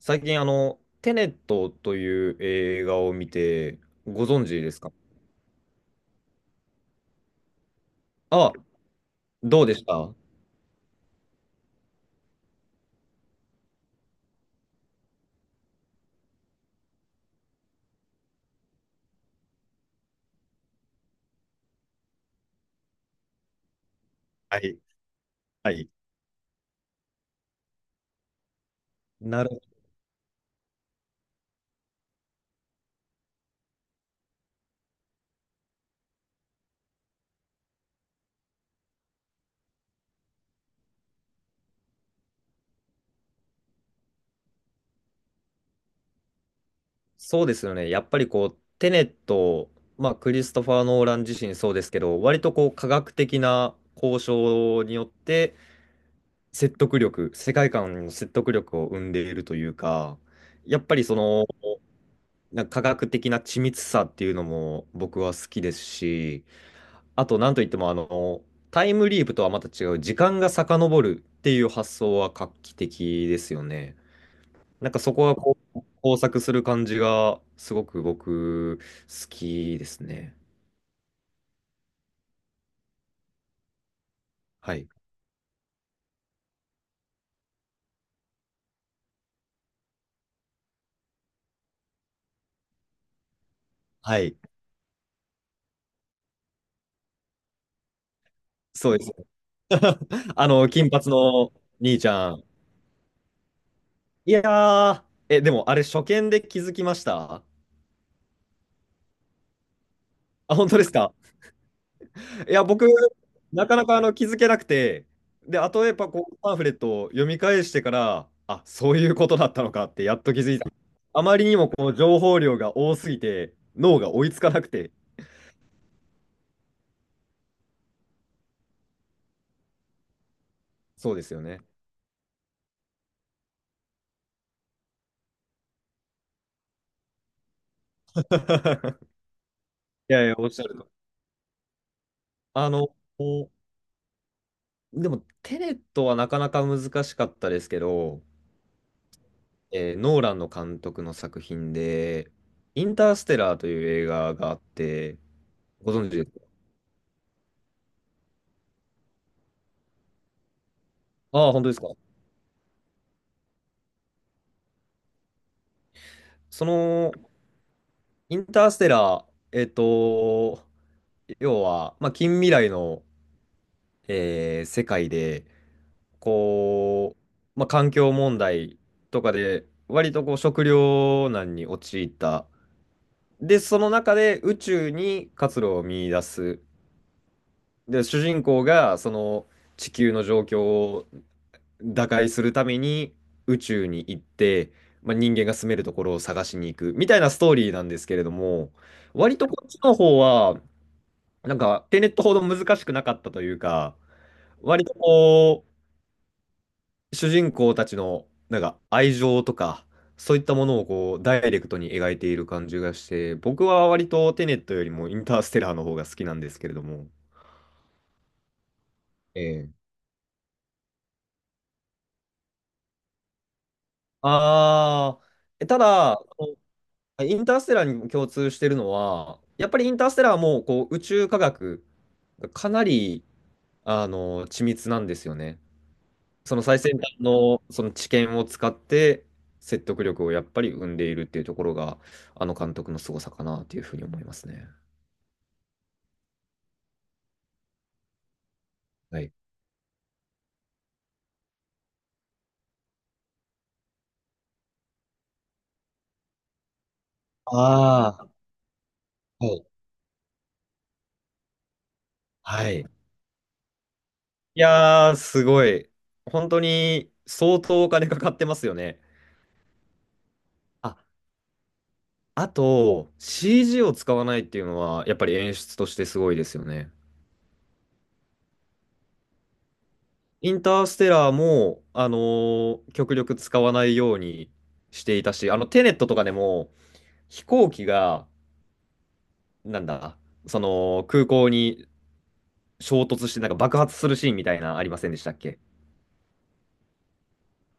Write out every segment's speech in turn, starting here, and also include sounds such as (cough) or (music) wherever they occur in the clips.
最近、テネットという映画を見て、ご存知ですか？あ、どうでしたはい、はい、なるほど。そうですよね。やっぱりこう、テネット、まあ、クリストファー・ノーラン自身そうですけど、割とこう、科学的な交渉によって、説得力、世界観の説得力を生んでいるというか、やっぱりその、なんか科学的な緻密さっていうのも僕は好きですし、あと、なんといっても、タイムリープとはまた違う、時間が遡るっていう発想は画期的ですよね。なんかそこがこう交錯する感じが、すごく僕、好きですね。はい。はい。そうです。(laughs) あの、金髪の兄ちゃん。いやー、え、でもあれ、初見で気づきました？あ、本当ですか？いや、僕、なかなか気づけなくて、で、後とやっぱこうパンフレットを読み返してから、あ、そういうことだったのかってやっと気づいた。あまりにもこの情報量が多すぎて、脳が追いつかなくて、そうですよね。(laughs) いやいや、おっしゃると。あの、おでも、テネットはなかなか難しかったですけど、ノーランの監督の作品で、インターステラーという映画があって、ご存知ですか？ああ、本当ですか。そのインターステラー、えっと、要は、まあ、近未来の、世界で、こう、まあ、環境問題とかで、割とこう食糧難に陥った。で、その中で宇宙に活路を見出す。で、主人公がその地球の状況を打開するために宇宙に行って、まあ、人間が住めるところを探しに行くみたいなストーリーなんですけれども、割とこっちの方は、なんか、テネットほど難しくなかったというか、割とこう、主人公たちの、なんか、愛情とか、そういったものをこう、ダイレクトに描いている感じがして、僕は割とテネットよりもインターステラーの方が好きなんですけれども。ええ。あーただ、このインターステラーに共通してるのは、やっぱりインターステラーもこう宇宙科学がかなり緻密なんですよね。その最先端のその知見を使って説得力をやっぱり生んでいるっていうところが、あの監督の凄さかなっていうふうに思いますね。はい。ああ、はい。はい。いやー、すごい。本当に相当お金かかってますよね。あ、あと、CG を使わないっていうのは、やっぱり演出としてすごいですよね。インターステラーも、極力使わないようにしていたし、テネットとかでも、飛行機がなんだ、その空港に衝突してなんか爆発するシーンみたいなありませんでしたっけ？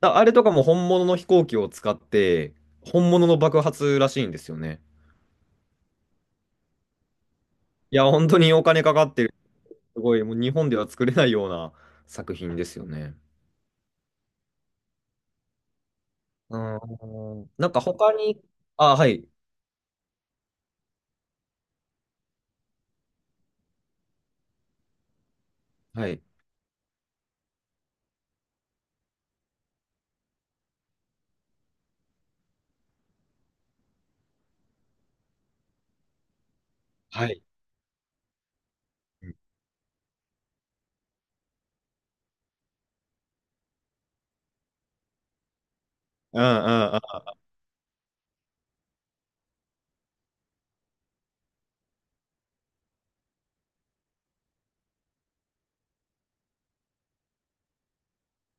だあれとかも本物の飛行機を使って本物の爆発らしいんですよね。いや、本当にお金かかってる。すごい、もう日本では作れないような作品ですよね。うん。なんか他に、あ、はい。はい。はい。うんうんうん。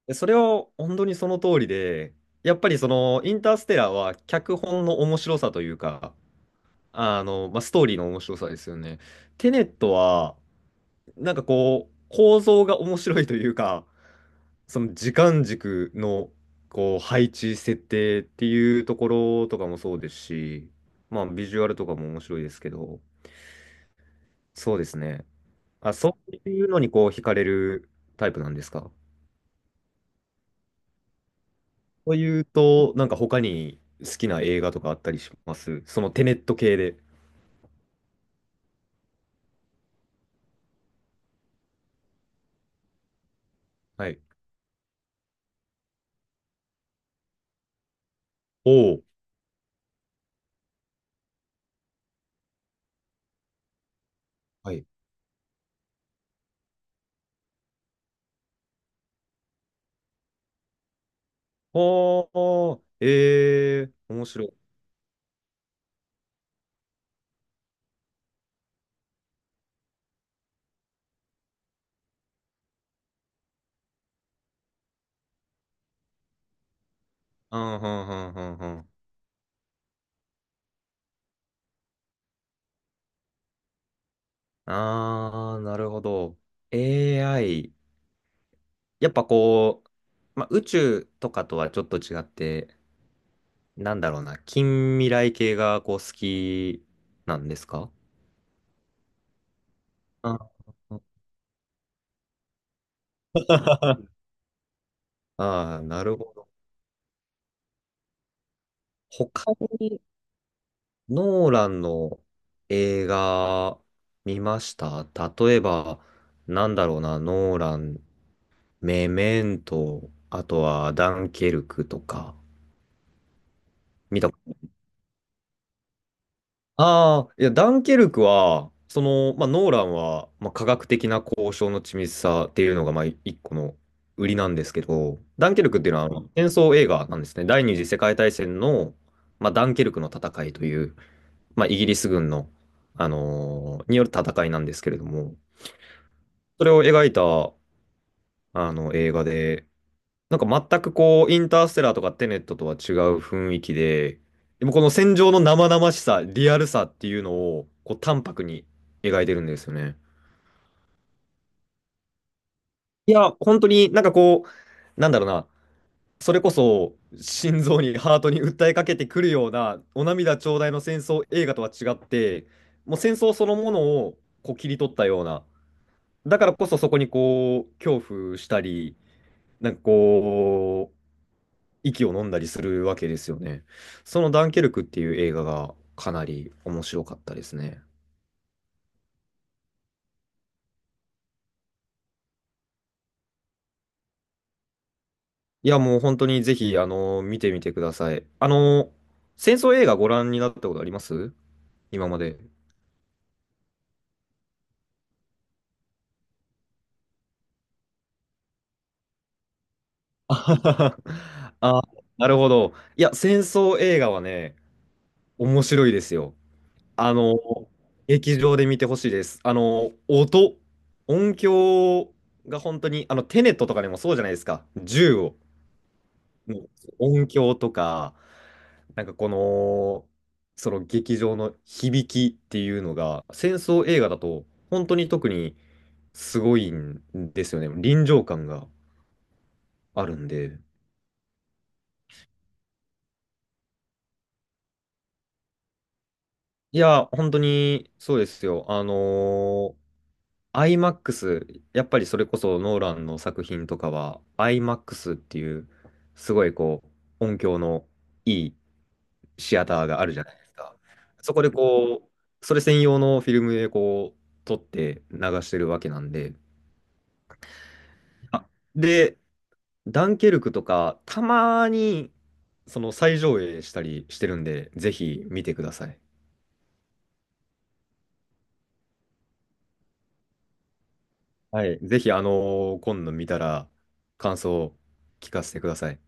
でそれは本当にその通りで、やっぱりそのインターステラーは脚本の面白さというか、まあ、ストーリーの面白さですよね。テネットは、なんかこう、構造が面白いというか、その時間軸の、こう、配置、設定っていうところとかもそうですし、まあ、ビジュアルとかも面白いですけど、そうですね。あ、そういうのにこう、惹かれるタイプなんですか？というと、なんか他に好きな映画とかあったりします？そのテネット系で。はい。おお。はい。おー、ええー、面白い。うん、うん、うん、うん、うん。あー、なるほど。AI。やっぱこう、まあ、宇宙とかとはちょっと違って、なんだろうな、近未来系がこう好きなんですか？あ (laughs) あー、なるほど。他にノーランの映画見ました？例えば、なんだろうな、ノーラン、メメント、あとはダンケルクとか、見た？ああ、いや、ダンケルクは、まあ、ノーランは、まあ、科学的な交渉の緻密さっていうのが、まあ、一個の売りなんですけど、ダンケルクっていうのは、あの戦争映画なんですね。第二次世界大戦の、まあ、ダンケルクの戦いという、まあ、イギリス軍の、による戦いなんですけれども、それを描いた、映画で、なんか全くこう、インターステラーとかテネットとは違う雰囲気で、でもこの戦場の生々しさ、リアルさっていうのを、こう、淡白に描いてるんですよね。いや、本当になんかこう、なんだろうな、それこそ心臓に、ハートに訴えかけてくるような、お涙頂戴の戦争映画とは違って、もう戦争そのものをこう切り取ったような、だからこそそこにこう、恐怖したり、なんかこう、息を飲んだりするわけですよね。そのダンケルクっていう映画がかなり面白かったですね。いや、もう本当にぜひ、見てみてください。戦争映画ご覧になったことあります？今まで。あはははあ、なるほど。いや、戦争映画はね、面白いですよ。あの、劇場で見てほしいです。音響が本当に、テネットとかでもそうじゃないですか。銃を、もう音響とか、なんかその劇場の響きっていうのが、戦争映画だと本当に特にすごいんですよね。臨場感があるんで。いや、本当にそうですよ。IMAX、やっぱりそれこそノーランの作品とかは、IMAX っていう、すごいこう、音響のいいシアターがあるじゃないですか。そこでこう、それ専用のフィルムでこう、撮って流してるわけなんで、あで、ダンケルクとか、たまに、その再上映したりしてるんで、ぜひ見てください。はい。ぜひ、今度見たら、感想を聞かせてください。